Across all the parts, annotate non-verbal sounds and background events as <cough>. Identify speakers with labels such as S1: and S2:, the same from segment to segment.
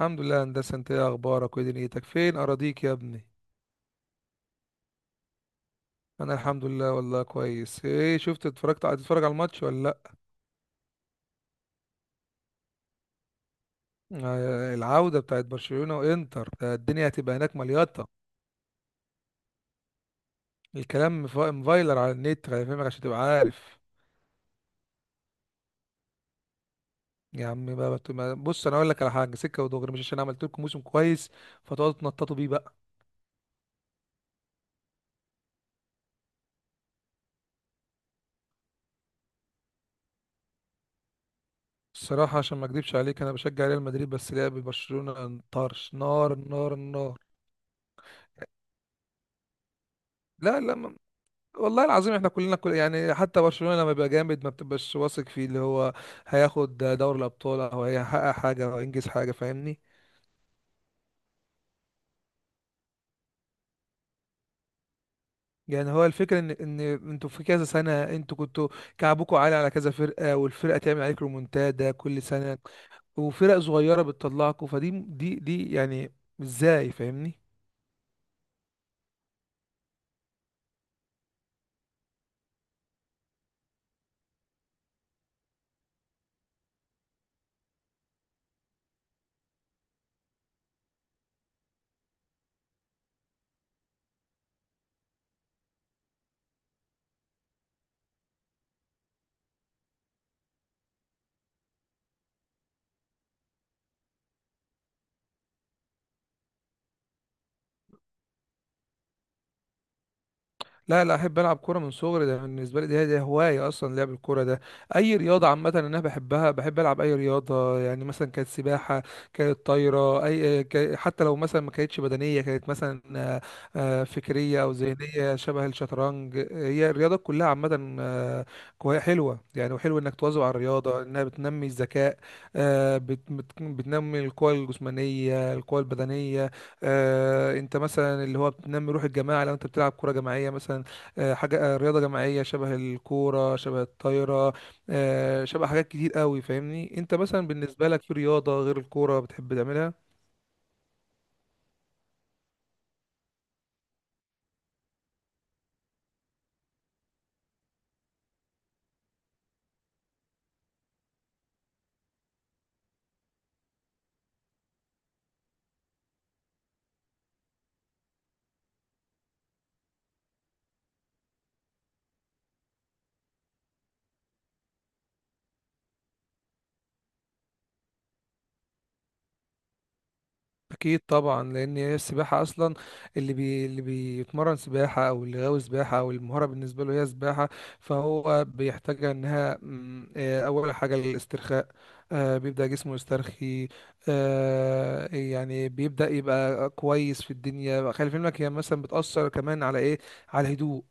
S1: الحمد لله يا هندسة، انت ايه اخبارك وايه دنيتك؟ فين اراضيك يا ابني؟ انا الحمد لله والله كويس. ايه شفت؟ اتفرجت؟ هتتفرج على الماتش ولا لا؟ العودة بتاعت برشلونة وانتر ده، الدنيا هتبقى هناك مليطة. الكلام مفايلر على النت هيفهمك عشان تبقى عارف. يا عم بقى، بص انا اقول لك على حاجه سكه ودغري. مش عشان عملت لكم موسم كويس فتقعدوا تنططوا بيه بقى. الصراحه، عشان ما اكدبش عليك، انا بشجع ريال مدريد، بس لعب برشلونه طرش نار نار نار. لا لا، والله العظيم احنا كلنا كل، يعني حتى برشلونة لما بيبقى جامد ما بتبقاش واثق فيه اللي هو هياخد دوري الابطال او هيحقق حاجة او ينجز حاجة، فاهمني؟ يعني هو الفكرة ان انتوا في كذا سنة انتوا كنتوا كعبكم عالي على كذا فرقة، والفرقة تعمل عليك ريمونتادا كل سنة. وفرق صغيرة بتطلعكوا فدي دي دي، يعني ازاي فاهمني؟ لا لا، احب العب كوره من صغري. ده بالنسبه لي دي هوايه اصلا، لعب الكوره ده. اي رياضه عامه انا بحبها، بحب العب اي رياضه. يعني مثلا كانت سباحه، كانت طايره، اي حتى لو مثلا ما كانتش بدنيه كانت مثلا فكريه او ذهنيه شبه الشطرنج. هي الرياضه كلها عامه، حلوه يعني، وحلو انك تواظب على الرياضه انها بتنمي الذكاء. بتنمي القوى الجسمانيه، القوى البدنيه. انت مثلا اللي هو بتنمي روح الجماعه لو انت بتلعب كوره جماعيه مثلا، حاجه، رياضه جماعيه شبه الكوره شبه الطايره، شبه حاجات كتير قوي. فاهمني، انت مثلا بالنسبه لك في رياضه غير الكوره بتحب تعملها؟ اكيد طبعا. لان هي السباحه اصلا اللي بيتمرن سباحه، او اللي غاوي سباحه، او المهاره بالنسبه له هي سباحه. فهو بيحتاج انها اول حاجه الاسترخاء. بيبدا جسمه يسترخي. يعني بيبدا يبقى كويس في الدنيا. خلي في علمك هي مثلا بتاثر كمان على ايه؟ على الهدوء.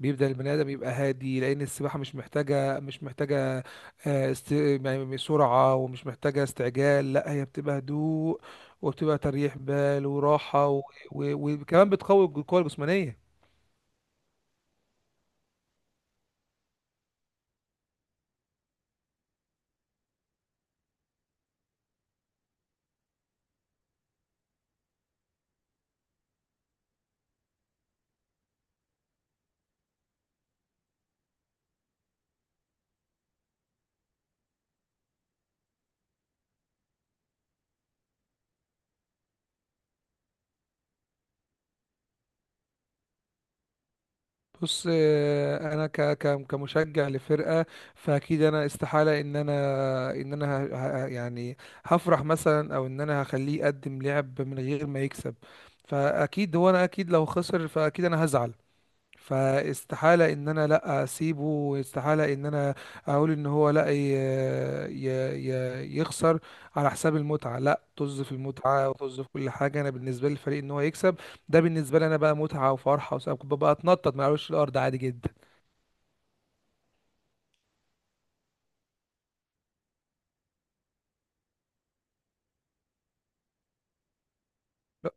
S1: بيبدأ البني آدم يبقى هادي، لأن السباحة مش محتاجة يعني سرعة، ومش محتاجة استعجال. لا هي بتبقى هدوء، وبتبقى تريح بال وراحة، وكمان بتقوي القوة الجسمانية. بص، انا كمشجع لفرقه، فاكيد انا استحاله ان انا يعني هفرح مثلا او ان انا هخليه يقدم لعب من غير ما يكسب. فاكيد هو انا اكيد، لو خسر فاكيد انا هزعل. فاستحالة ان انا لا اسيبه، واستحالة ان انا اقول ان هو لا ي... يخسر على حساب المتعة. لا، طز في المتعة وطز في كل حاجة، انا بالنسبة لي الفريق ان هو يكسب. ده بالنسبة لي انا بقى متعة وفرحة، وسبب ببقى اتنطط ما اقولش الارض عادي جدا. لا،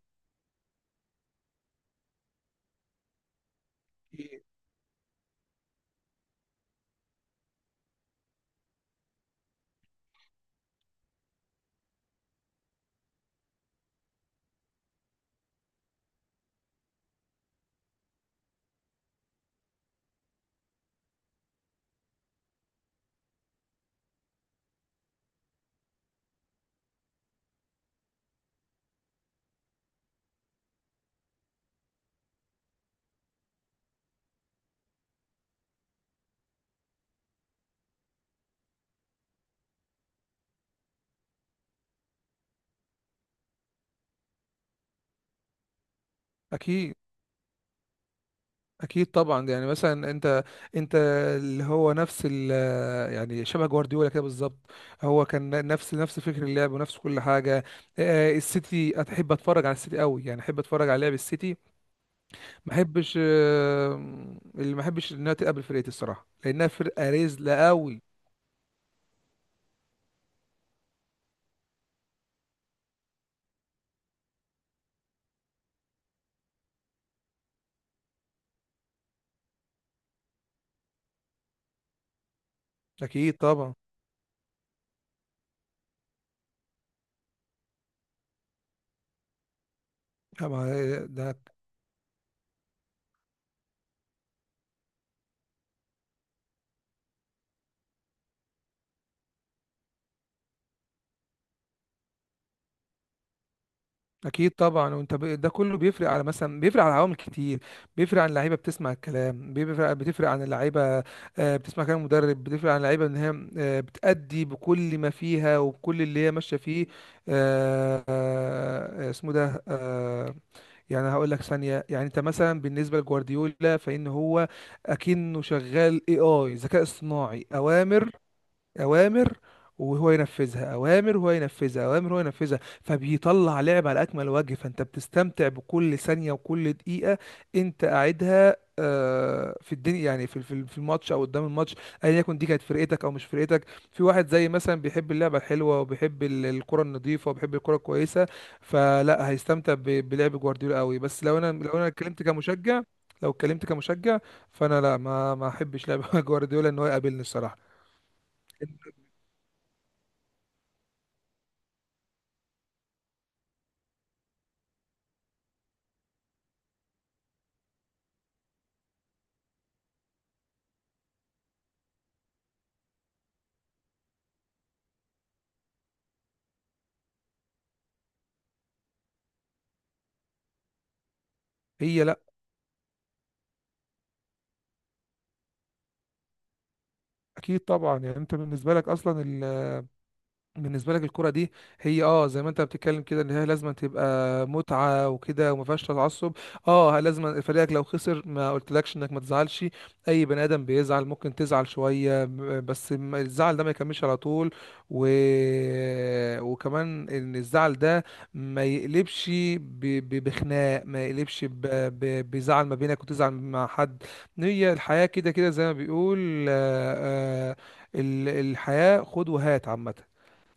S1: اكيد اكيد طبعا. يعني مثلا، انت اللي هو نفس ال يعني شبه جوارديولا كده بالظبط. هو كان نفس فكر اللعب ونفس كل حاجه. السيتي، احب اتفرج على السيتي قوي يعني، احب اتفرج على لعب السيتي. ما احبش، اللي ما احبش انها تقابل فرقتي الصراحه، لانها فرقه رزله قوي. اكيد طبعا، طبعاً. ده اكيد طبعا. وانت ده كله بيفرق على مثلا، بيفرق على عوامل كتير. بيفرق عن اللعيبه بتسمع الكلام، بتفرق عن اللعيبه، بتسمع كلام المدرب، بتفرق عن اللعيبه ان هي بتأدي بكل ما فيها وبكل اللي هي ماشيه فيه. اسمه ده، يعني هقول لك ثانيه. يعني انت مثلا بالنسبه لجوارديولا، فان هو اكنه شغال اي ذكاء اصطناعي. اوامر، اوامر وهو ينفذها، اوامر وهو ينفذها، اوامر وهو ينفذها، فبيطلع لعب على اكمل وجه، فانت بتستمتع بكل ثانيه وكل دقيقه انت قاعدها في الدنيا. يعني في الماتش او قدام الماتش، ايا يكن دي كانت فرقتك او مش فرقتك. في واحد زي مثلا بيحب اللعبه الحلوه، وبيحب الكره النظيفه، وبيحب الكره الكويسه، فلا هيستمتع بلعب جوارديولا قوي. بس لو انا اتكلمت كمشجع، لو اتكلمت كمشجع، فانا لا ما احبش لعب <laughs> جوارديولا ان هو يقابلني الصراحه. هي اكيد طبعا. يعني انت بالنسبه لك اصلا، بالنسبه لك الكرة دي، هي اه، زي ما انت بتتكلم كده ان هي لازم تبقى متعة وكده، وما فيهاش تعصب. اه، لازم فريقك لو خسر ما قلتلكش انك ما تزعلش. اي بني ادم بيزعل، ممكن تزعل شوية، ب- بس ما- الزعل ده ما يكملش على طول، و... <laughs> وكمان ان الزعل ده ما يقلبش ب... بخناق، ما يقلبش بزعل ما بينك، وتزعل مع حد. هي الحياة كده كده، زي ما بيقول، الحياة خد وهات عامة.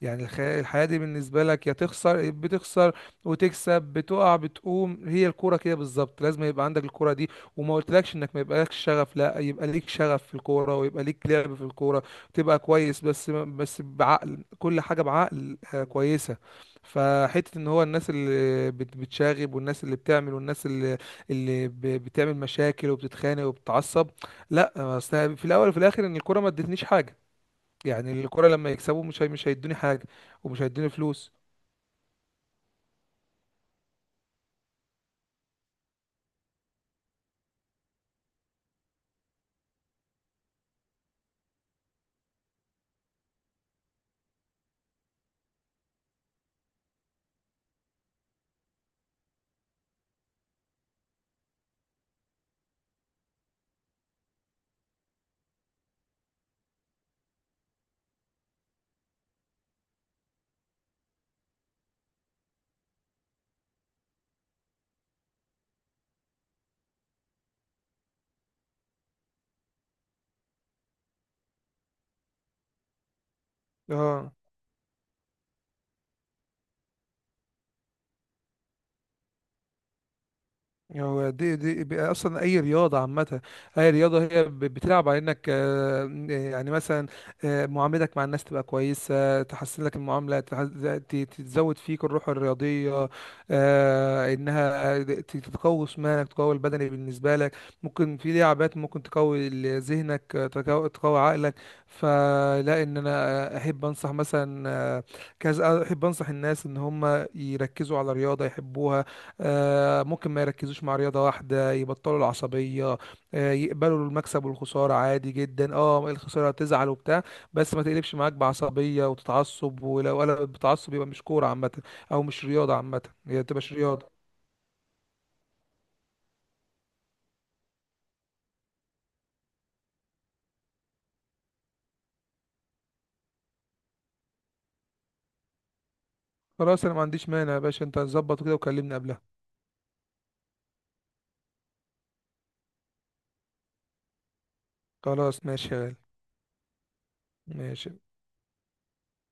S1: يعني الحياة دي بالنسبة لك يا تخسر بتخسر وتكسب، بتقع بتقوم. هي الكورة كده بالظبط، لازم يبقى عندك الكورة دي، وما قلتلكش انك ما يبقالكش شغف، لا يبقى ليك شغف في الكورة ويبقى ليك لعب في الكورة، تبقى كويس. بس بعقل، كل حاجة بعقل كويسة. فحتة ان هو الناس بتشاغب، والناس اللي بتعمل، والناس اللي بتعمل مشاكل وبتتخانق وبتتعصب، لا، أصل في الاول وفي الاخر ان الكورة ما ادتنيش حاجة. يعني الكرة لما يكسبوا مش هيدوني حاجة، ومش هيدوني فلوس. اه، هو دي بقى اصلا اي رياضه عامه. اي رياضه هي بتلعب على انك يعني مثلا، معاملتك مع الناس تبقى كويسه، تحسن لك المعامله، تزود فيك الروح الرياضيه، انها تقوي جسمانك، تقوي البدني بالنسبه لك. ممكن في لعبات ممكن تقوي ذهنك، تقوي عقلك. فلا، ان انا احب انصح مثلا كذا، احب انصح الناس ان هم يركزوا على رياضه يحبوها، ممكن ما يركزوش مع رياضة واحدة، يبطلوا العصبية، يقبلوا المكسب والخسارة عادي جدا. اه الخسارة هتزعل وبتاع، بس ما تقلبش معاك بعصبية وتتعصب. ولو قلبت بتعصب يبقى مش كورة عامة، او مش رياضة عامة، هي تبقاش رياضة. خلاص، انا ما عنديش مانع يا باشا. انت ظبط كده وكلمني قبلها. خلاص ماشي يا غالي. ماشي.